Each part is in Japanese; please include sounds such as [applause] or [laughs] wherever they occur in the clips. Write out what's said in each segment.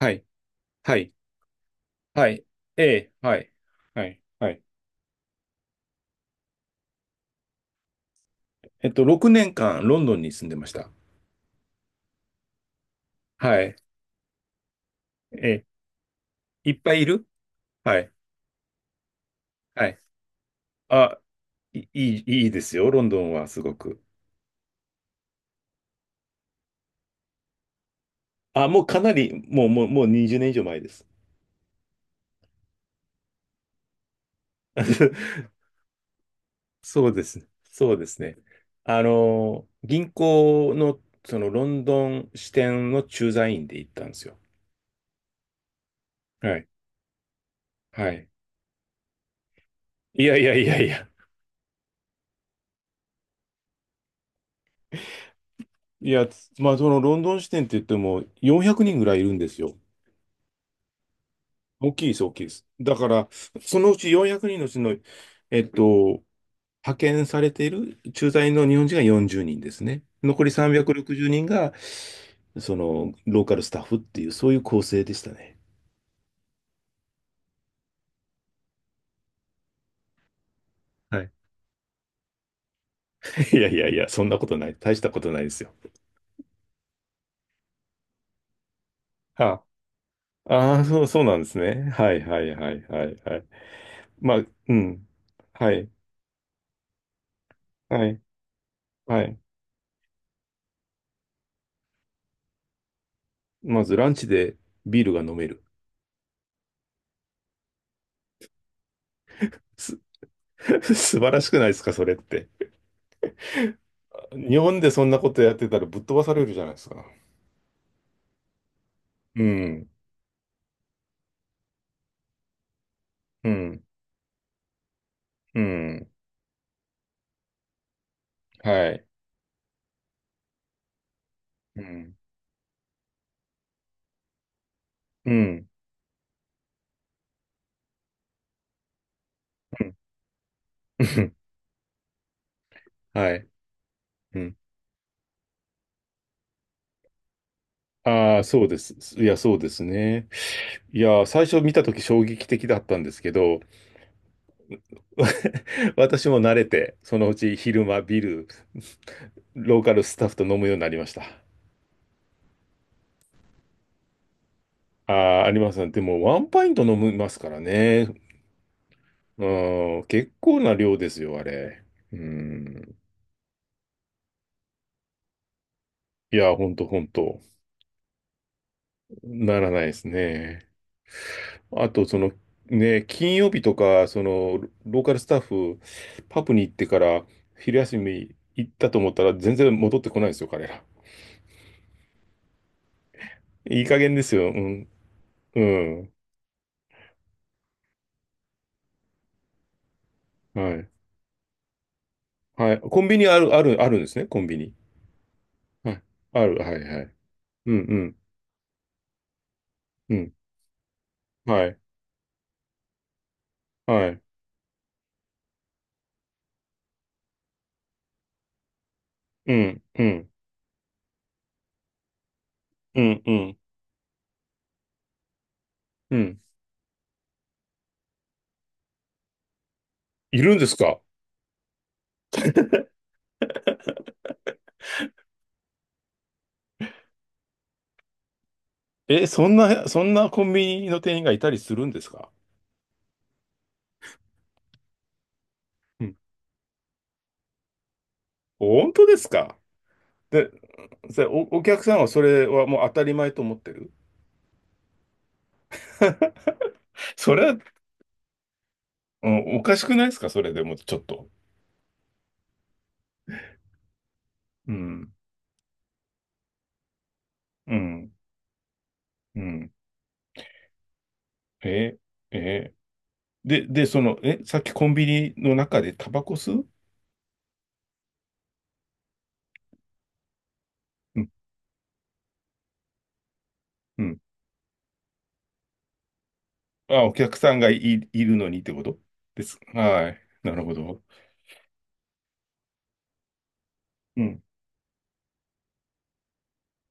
はい、はい、はい、ええ、はい、はい、はい。6年間ロンドンに住んでました。はい、ええ、いっぱいいるはい、はい。あ、いいい、いいですよ、ロンドンはすごく。あ、もうかなり、もう20年以上前です。[laughs] そうですね。あの、銀行の、そのロンドン支店の駐在員で行ったんですよ。はい。はい。いやいやいやいや、いや、つまあ、そのロンドン支店って言っても400人ぐらいいるんですよ。大きいです。だから、そのうち400人のうちの、えっと、派遣されている駐在の日本人が40人ですね。残り360人が、その、ローカルスタッフっていう、そういう構成でしたね。はい。[laughs] いやいやいや、そんなことない。大したことないですよ。はああ、そうなんですね。はいはいはいはいはい。まあ、うん。はい、はい、はい。まずランチでビールが飲める。す、[laughs] 素晴らしくないですか、それって。日本でそんなことやってたらぶっ飛ばされるじゃないですか。うん、うん、うん、はい。うん、うん、うん、[laughs] はい。うん。ああ、そうです。いや、そうですね。いや、最初見たとき衝撃的だったんですけど、[laughs] 私も慣れて、そのうち昼間ビール、ローカルスタッフと飲むようになりました。ああ、ありますね。でも、ワンパイント飲みますからね。うん、結構な量ですよ、あれ。うん。いや、ほんとほんと。ならないですね。あと、その、ね、金曜日とか、その、ローカルスタッフ、パプに行ってから、昼休み行ったと思ったら、全然戻ってこないですよ、彼ら。いい加減ですよ。うん。うん。はい。はい。コンビニある、ある、あるんですね、コンビニ。はい。ある、はい、はい。うん、うん、うん。はい、はい。うん、うん、うん、うん。うん。いるんですか？え、そんな、そんなコンビニの店員がいたりするんですか？うん。本当ですか？で、それお、お客さんはそれはもう当たり前と思ってる？ [laughs] それは、うん、おかしくないですかそれでもちょっと。うん、うん、うん。え、え、で、その、え、さっきコンビニの中でタバコ吸う？うん、うん。あ、お客さんがい、いるのにってことです。はい。なるほど。うん、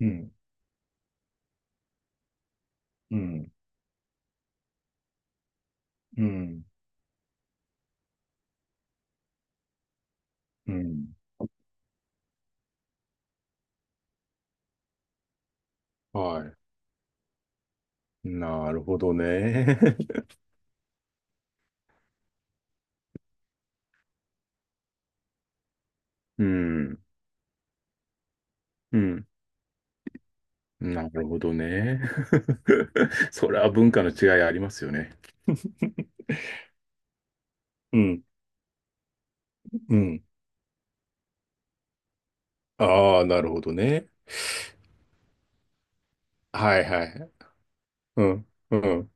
うん、うん、うん、うん。はい。なるほどね。[laughs] うん。うん。なるほどね。[laughs] それは文化の違いありますよね。うん。うん。ああ、なるほどね。はいはい。うん。うん。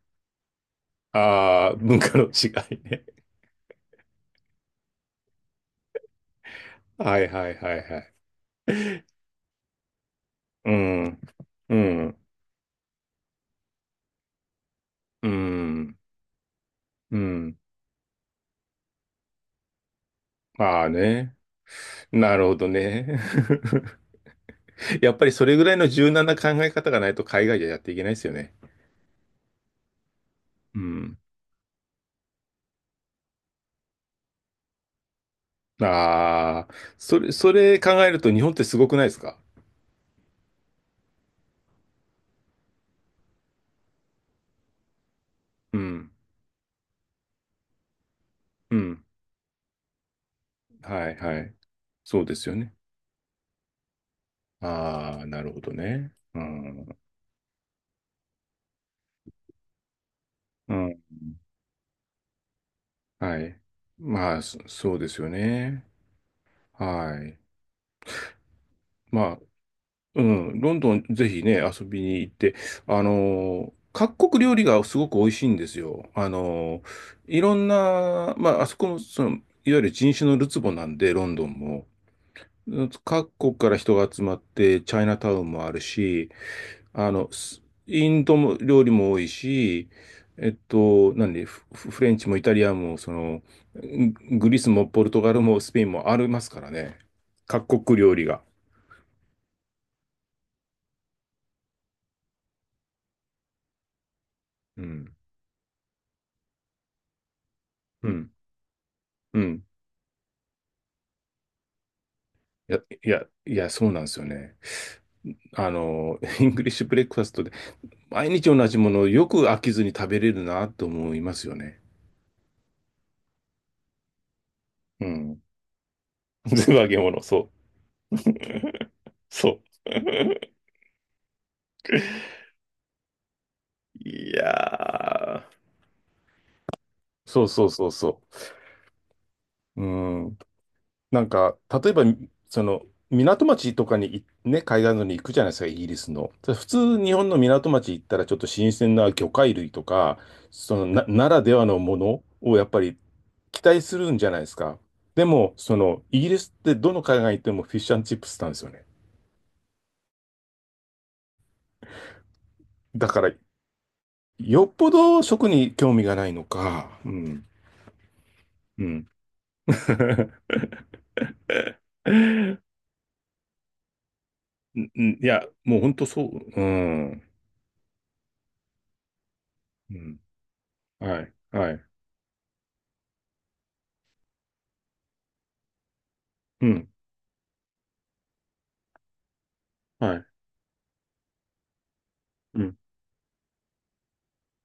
ああ、文化の違いね。[laughs] はいはいはいはい。うん。うん。うん。うん。ああね。なるほどね。[laughs] やっぱりそれぐらいの柔軟な考え方がないと海外じゃやっていけないですよね。うん。ああ、それ、それ考えると日本ってすごくないですか？うん。うん。はい、はい。そうですよね。ああ、なるほどね。うん。うん。はい。まあ、そうですよね。はい。まあ、うん。ロンドン、ぜひね、遊びに行って、あのー各国料理がすごく美味しいんですよ。あのーいろんな、まあ、あそこの、その、いわゆる人種のるつぼなんで、ロンドンも。各国から人が集まって、チャイナタウンもあるし、あの、スインドも料理も多いし、フレンチもイタリアンも、その、ググリスもポルトガルもスペインもありますからね。各国料理が。うん。うん。うん。いや、いや、いや、そうなんですよね。あの、[laughs] イングリッシュブレックファストで、毎日同じものをよく飽きずに食べれるなと思いますよね。うん。[laughs] 全部揚げ物、そう。[laughs] そう。[laughs] いやーそうそうそうそう。うん。なんか、例えば、その、港町とかにい、ね、海岸沿いに行くじゃないですか、イギリスの。ただ普通、日本の港町行ったら、ちょっと新鮮な魚介類とか、そのな、ならではのものをやっぱり期待するんじゃないですか。でも、その、イギリスってどの海岸行ってもフィッシュチップスなんですよね。だから、よっぽど食に興味がないのか。うん。うん。[laughs] うん、うんいや、もう本当そう。うん。うん。はい。はい。うん。はい。うん。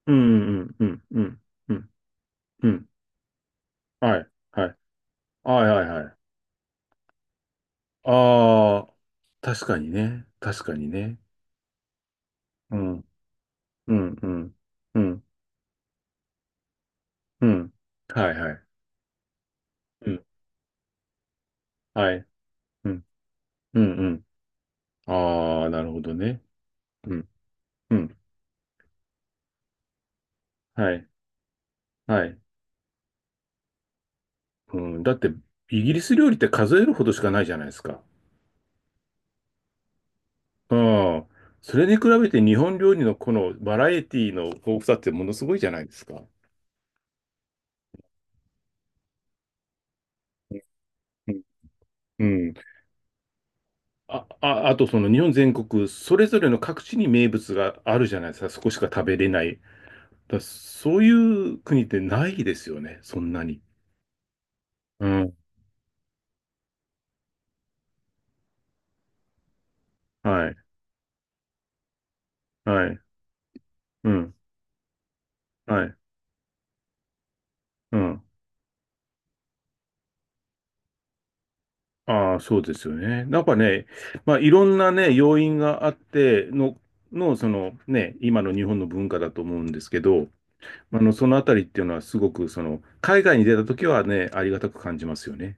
うん。うん。うん。うん。うん。はい。はい。はい。はい。はい。ああ、確かにね。確かにね。うん。うん。うん。うん。うん。はい。はい。うん。はい。うん。うん。うん。ああ、なるほどね。うん。うん。はい。はい。うん。だって、イギリス料理って数えるほどしかないじゃないですか。ああ、それに比べて日本料理のこのバラエティの豊富さってものすごいじゃないですか。うんうん。あとその日本全国、それぞれの各地に名物があるじゃないですか。そこしか食べれない。そういう国ってないですよね。そんなに。うん。はい。はい。うん。はい。うん。ああ、そうですよね。なんかね、まあ、いろんなね、要因があっての、そのね、今の日本の文化だと思うんですけど、まあの、そのあたりっていうのはすごく、その、海外に出た時はね、ありがたく感じますよね。